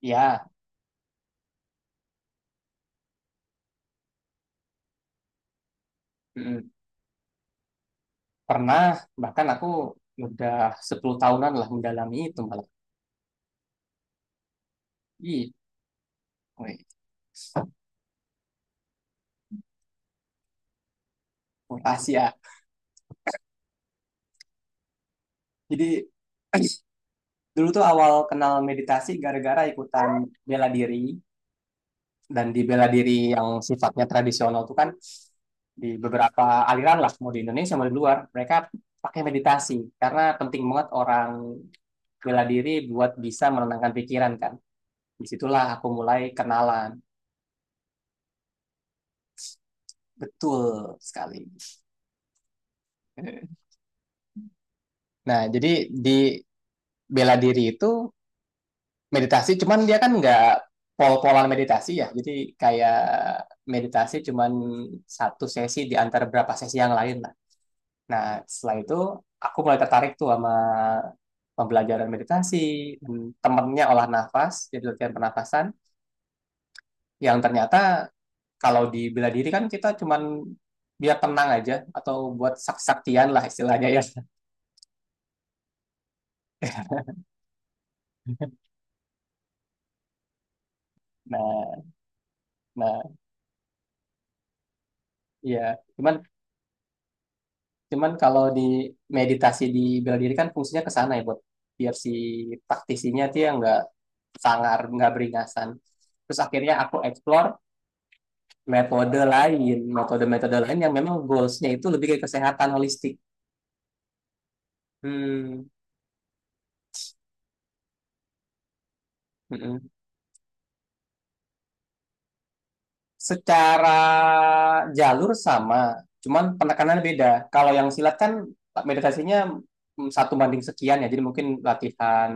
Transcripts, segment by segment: Ya, mm, pernah. Bahkan aku udah 10 tahunan lah mendalami itu malah. Ih, woi, Asia. Jadi dulu tuh awal kenal meditasi gara-gara ikutan bela diri. Dan di bela diri yang sifatnya tradisional tuh kan di beberapa aliran lah, mau di Indonesia mau di luar, mereka pakai meditasi. Karena penting banget orang bela diri buat bisa menenangkan pikiran kan. Disitulah aku mulai kenalan. Betul sekali. Nah, jadi di bela diri itu meditasi, cuman dia kan nggak pol-polan meditasi ya. Jadi kayak meditasi cuman satu sesi di antara berapa sesi yang lain lah. Nah, setelah itu aku mulai tertarik tuh sama pembelajaran meditasi, temennya olah nafas, jadi latihan pernafasan, yang ternyata kalau di bela diri kan kita cuman biar tenang aja atau buat sak-saktian lah istilahnya ya. Nah, nah, iya. Cuman Cuman kalau di meditasi di bela diri kan fungsinya ke sana ya buat biar si praktisinya tuh yang nggak sangar, nggak beringasan. Terus akhirnya aku explore metode lain, metode-metode lain yang memang goalsnya itu lebih ke kesehatan holistik. Hmm, mm-mm. Secara jalur sama, cuman penekanannya beda. Kalau yang silat kan meditasinya satu banding sekian ya, jadi mungkin latihan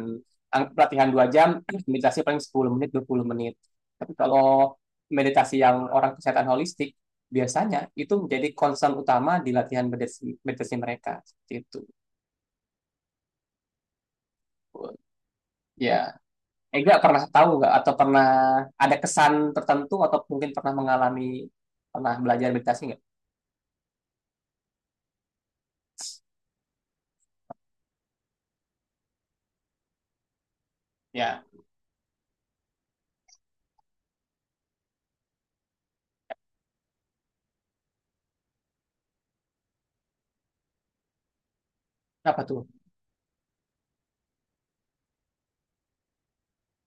anggap latihan 2 jam, meditasi paling 10 menit, 20 menit. Tapi kalau meditasi yang orang kesehatan holistik, biasanya itu menjadi concern utama di latihan meditasi mereka. Seperti itu. Ya, Ega pernah tahu nggak atau pernah ada kesan tertentu atau mungkin pernah mengalami, pernah belajar meditasi nggak? Ya, apa tuh?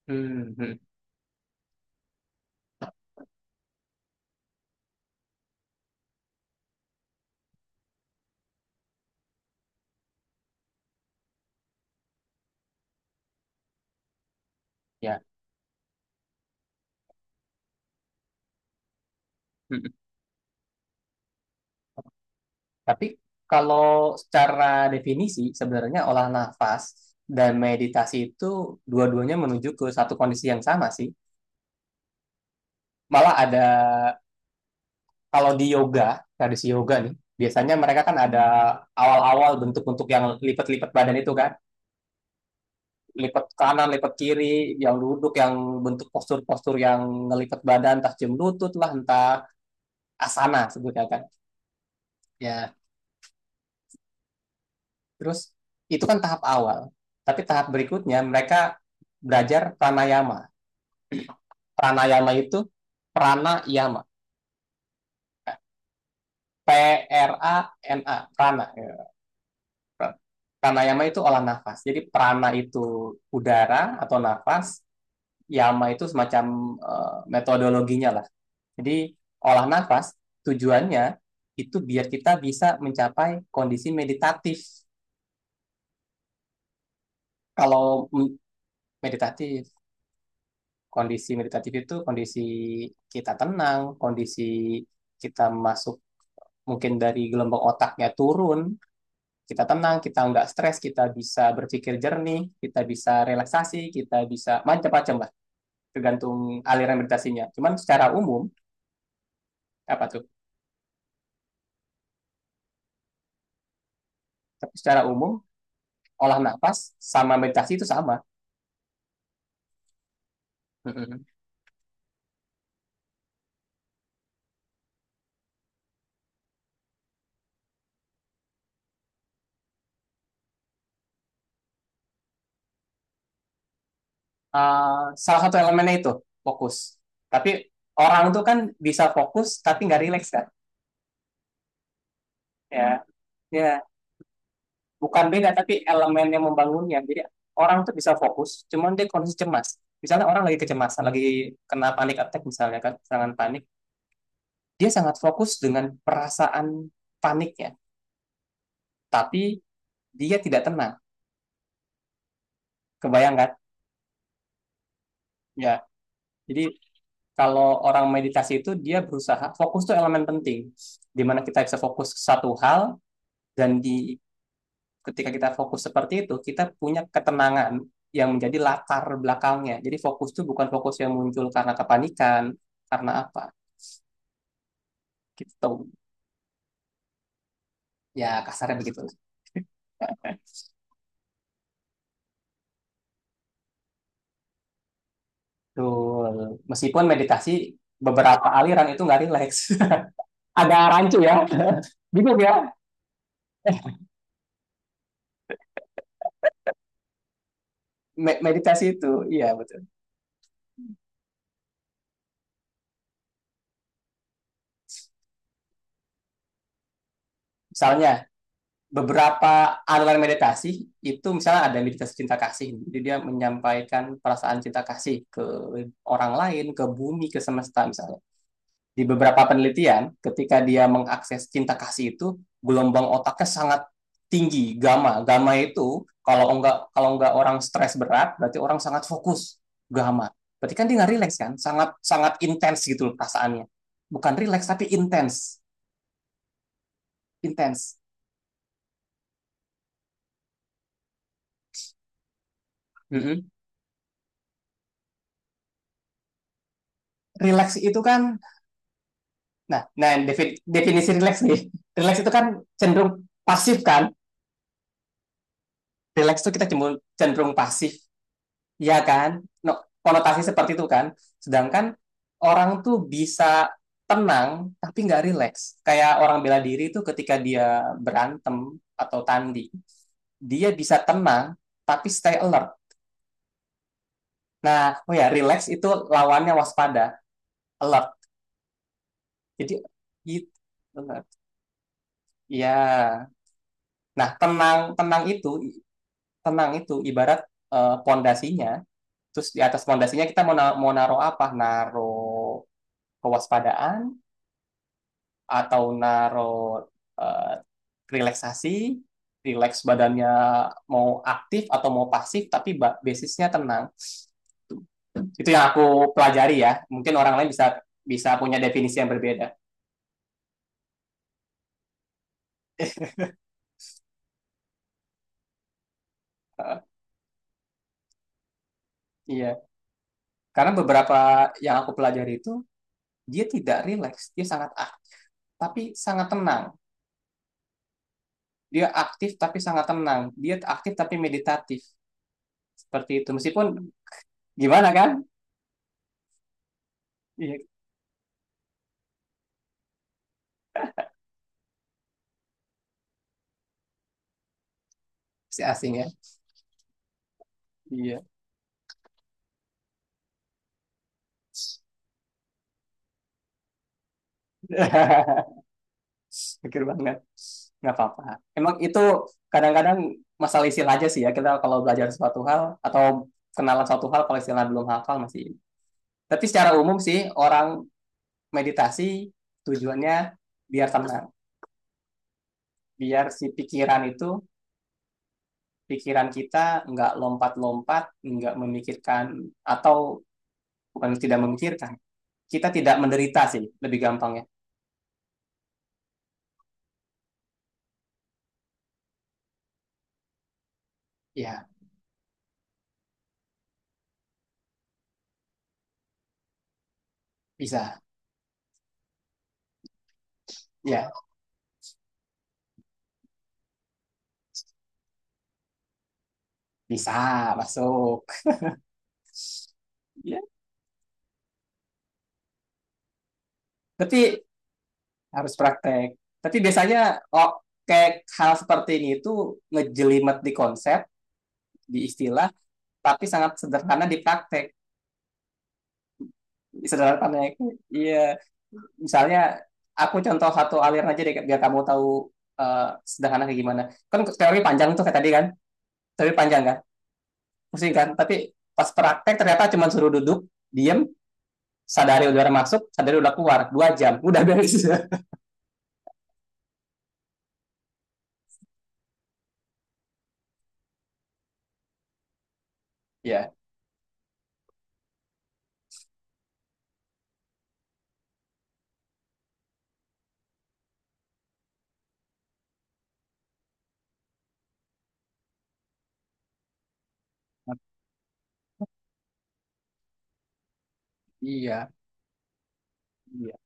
Hmm, hmm, ya. Hmm. Tapi kalau secara definisi sebenarnya olah nafas dan meditasi itu dua-duanya menuju ke satu kondisi yang sama sih. Malah ada kalau di yoga, tradisi yoga nih, biasanya mereka kan ada awal-awal bentuk-bentuk yang lipat-lipat badan itu kan, lipat kanan, lipat kiri, yang duduk, yang bentuk postur-postur yang ngelipat badan, entah jam lutut lah, entah asana sebutnya kan. Ya. Terus itu kan tahap awal. Tapi tahap berikutnya mereka belajar pranayama. Pranayama itu pranayama. P R A N A, prana. Ya, pranayama itu olah nafas. Jadi prana itu udara atau nafas, yama itu semacam metodologinya lah. Jadi olah nafas tujuannya itu biar kita bisa mencapai kondisi meditatif. Kalau mm, meditatif Kondisi meditatif itu kondisi kita tenang, kondisi kita masuk mungkin dari gelombang otaknya turun, kita tenang, kita nggak stres, kita bisa berpikir jernih, kita bisa relaksasi, kita bisa macam-macam lah, tergantung aliran meditasinya. Cuman secara umum, apa tuh? Tapi secara umum, olah nafas sama meditasi itu sama. Salah satu elemennya itu fokus. Tapi orang tuh kan bisa fokus tapi nggak rileks kan? Ya, ya, bukan beda tapi elemen yang membangunnya. Jadi orang tuh bisa fokus cuman dia kondisi cemas, misalnya orang lagi kecemasan lagi kena panic attack, misalnya kan serangan panik, dia sangat fokus dengan perasaan paniknya tapi dia tidak tenang, kebayang kan ya. Jadi kalau orang meditasi itu dia berusaha fokus tuh elemen penting di mana kita bisa fokus satu hal. Dan ketika kita fokus seperti itu, kita punya ketenangan yang menjadi latar belakangnya. Jadi fokus itu bukan fokus yang muncul karena kepanikan, karena apa? Gitu. Ya kasarnya begitu. Betul. Meskipun meditasi beberapa aliran itu nggak rileks. Ada rancu ya. Bingung ya. Meditasi itu, iya betul. Misalnya, beberapa aliran meditasi itu misalnya ada meditasi cinta kasih. Jadi dia menyampaikan perasaan cinta kasih ke orang lain, ke bumi, ke semesta, misalnya di beberapa penelitian, ketika dia mengakses cinta kasih itu, gelombang otaknya sangat tinggi, gamma. Gamma itu kalau enggak orang stres berat, berarti orang sangat fokus, gamma. Berarti kan dia nggak rileks kan? Sangat sangat intens gitu loh perasaannya. Bukan rileks tapi intens, intens. Mm Rileks itu kan, nah, nah, definisi rileks nih. Rileks itu kan cenderung pasif kan? Rileks itu kita cenderung pasif. Iya kan? No, konotasi seperti itu kan. Sedangkan orang tuh bisa tenang tapi nggak rileks. Kayak orang bela diri itu ketika dia berantem atau tanding, dia bisa tenang tapi stay alert. Nah, oh ya, relax itu lawannya waspada, alert. Jadi gitu. Benar. Iya. Nah, tenang tenang itu ibarat pondasinya. Terus di atas pondasinya kita mau naruh apa? Naruh kewaspadaan, atau naruh eh, relaksasi, relax badannya, mau aktif atau mau pasif tapi basisnya tenang. Itu yang aku pelajari ya. Mungkin orang lain bisa bisa punya definisi yang berbeda. Eh, Iya, karena beberapa yang aku pelajari itu dia tidak relax, dia sangat aktif tapi sangat tenang. Dia aktif tapi sangat tenang. Dia aktif tapi meditatif. Seperti itu. Meskipun gimana kan? Iya, si asing ya. Iya. Mikir banget, nggak apa-apa, emang itu kadang-kadang masalah istilah aja sih ya, kita kalau belajar suatu hal atau kenalan suatu hal kalau istilah belum hafal masih. Tapi secara umum sih orang meditasi tujuannya biar tenang, biar si pikiran itu pikiran kita nggak lompat-lompat, nggak memikirkan, atau bukan tidak memikirkan, kita tidak menderita sih lebih gampangnya. Ya. Ya, bisa. Ya, bisa masuk ya. Tapi harus praktek. Tapi biasanya, oh, kayak hal seperti ini itu ngejelimet di konsep, di istilah, tapi sangat sederhana di praktek. Sederhana itu, iya. Misalnya, aku contoh satu aliran aja deh biar kamu tahu eh, sederhana kayak gimana. Kan teori panjang tuh kayak tadi kan, teori panjang kan, pusing kan. Tapi pas praktek ternyata cuma suruh duduk, diem, sadari udara masuk, sadari udah keluar, 2 jam, udah beres. Ya, iya, iya.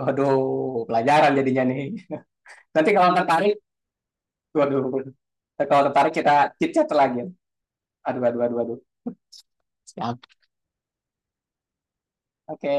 Waduh, pelajaran jadinya nih. Nanti kalau tertarik, waduh. Kalau tertarik kita chit-chat lagi. Aduh, aduh, aduh, aduh. Siap. Oke.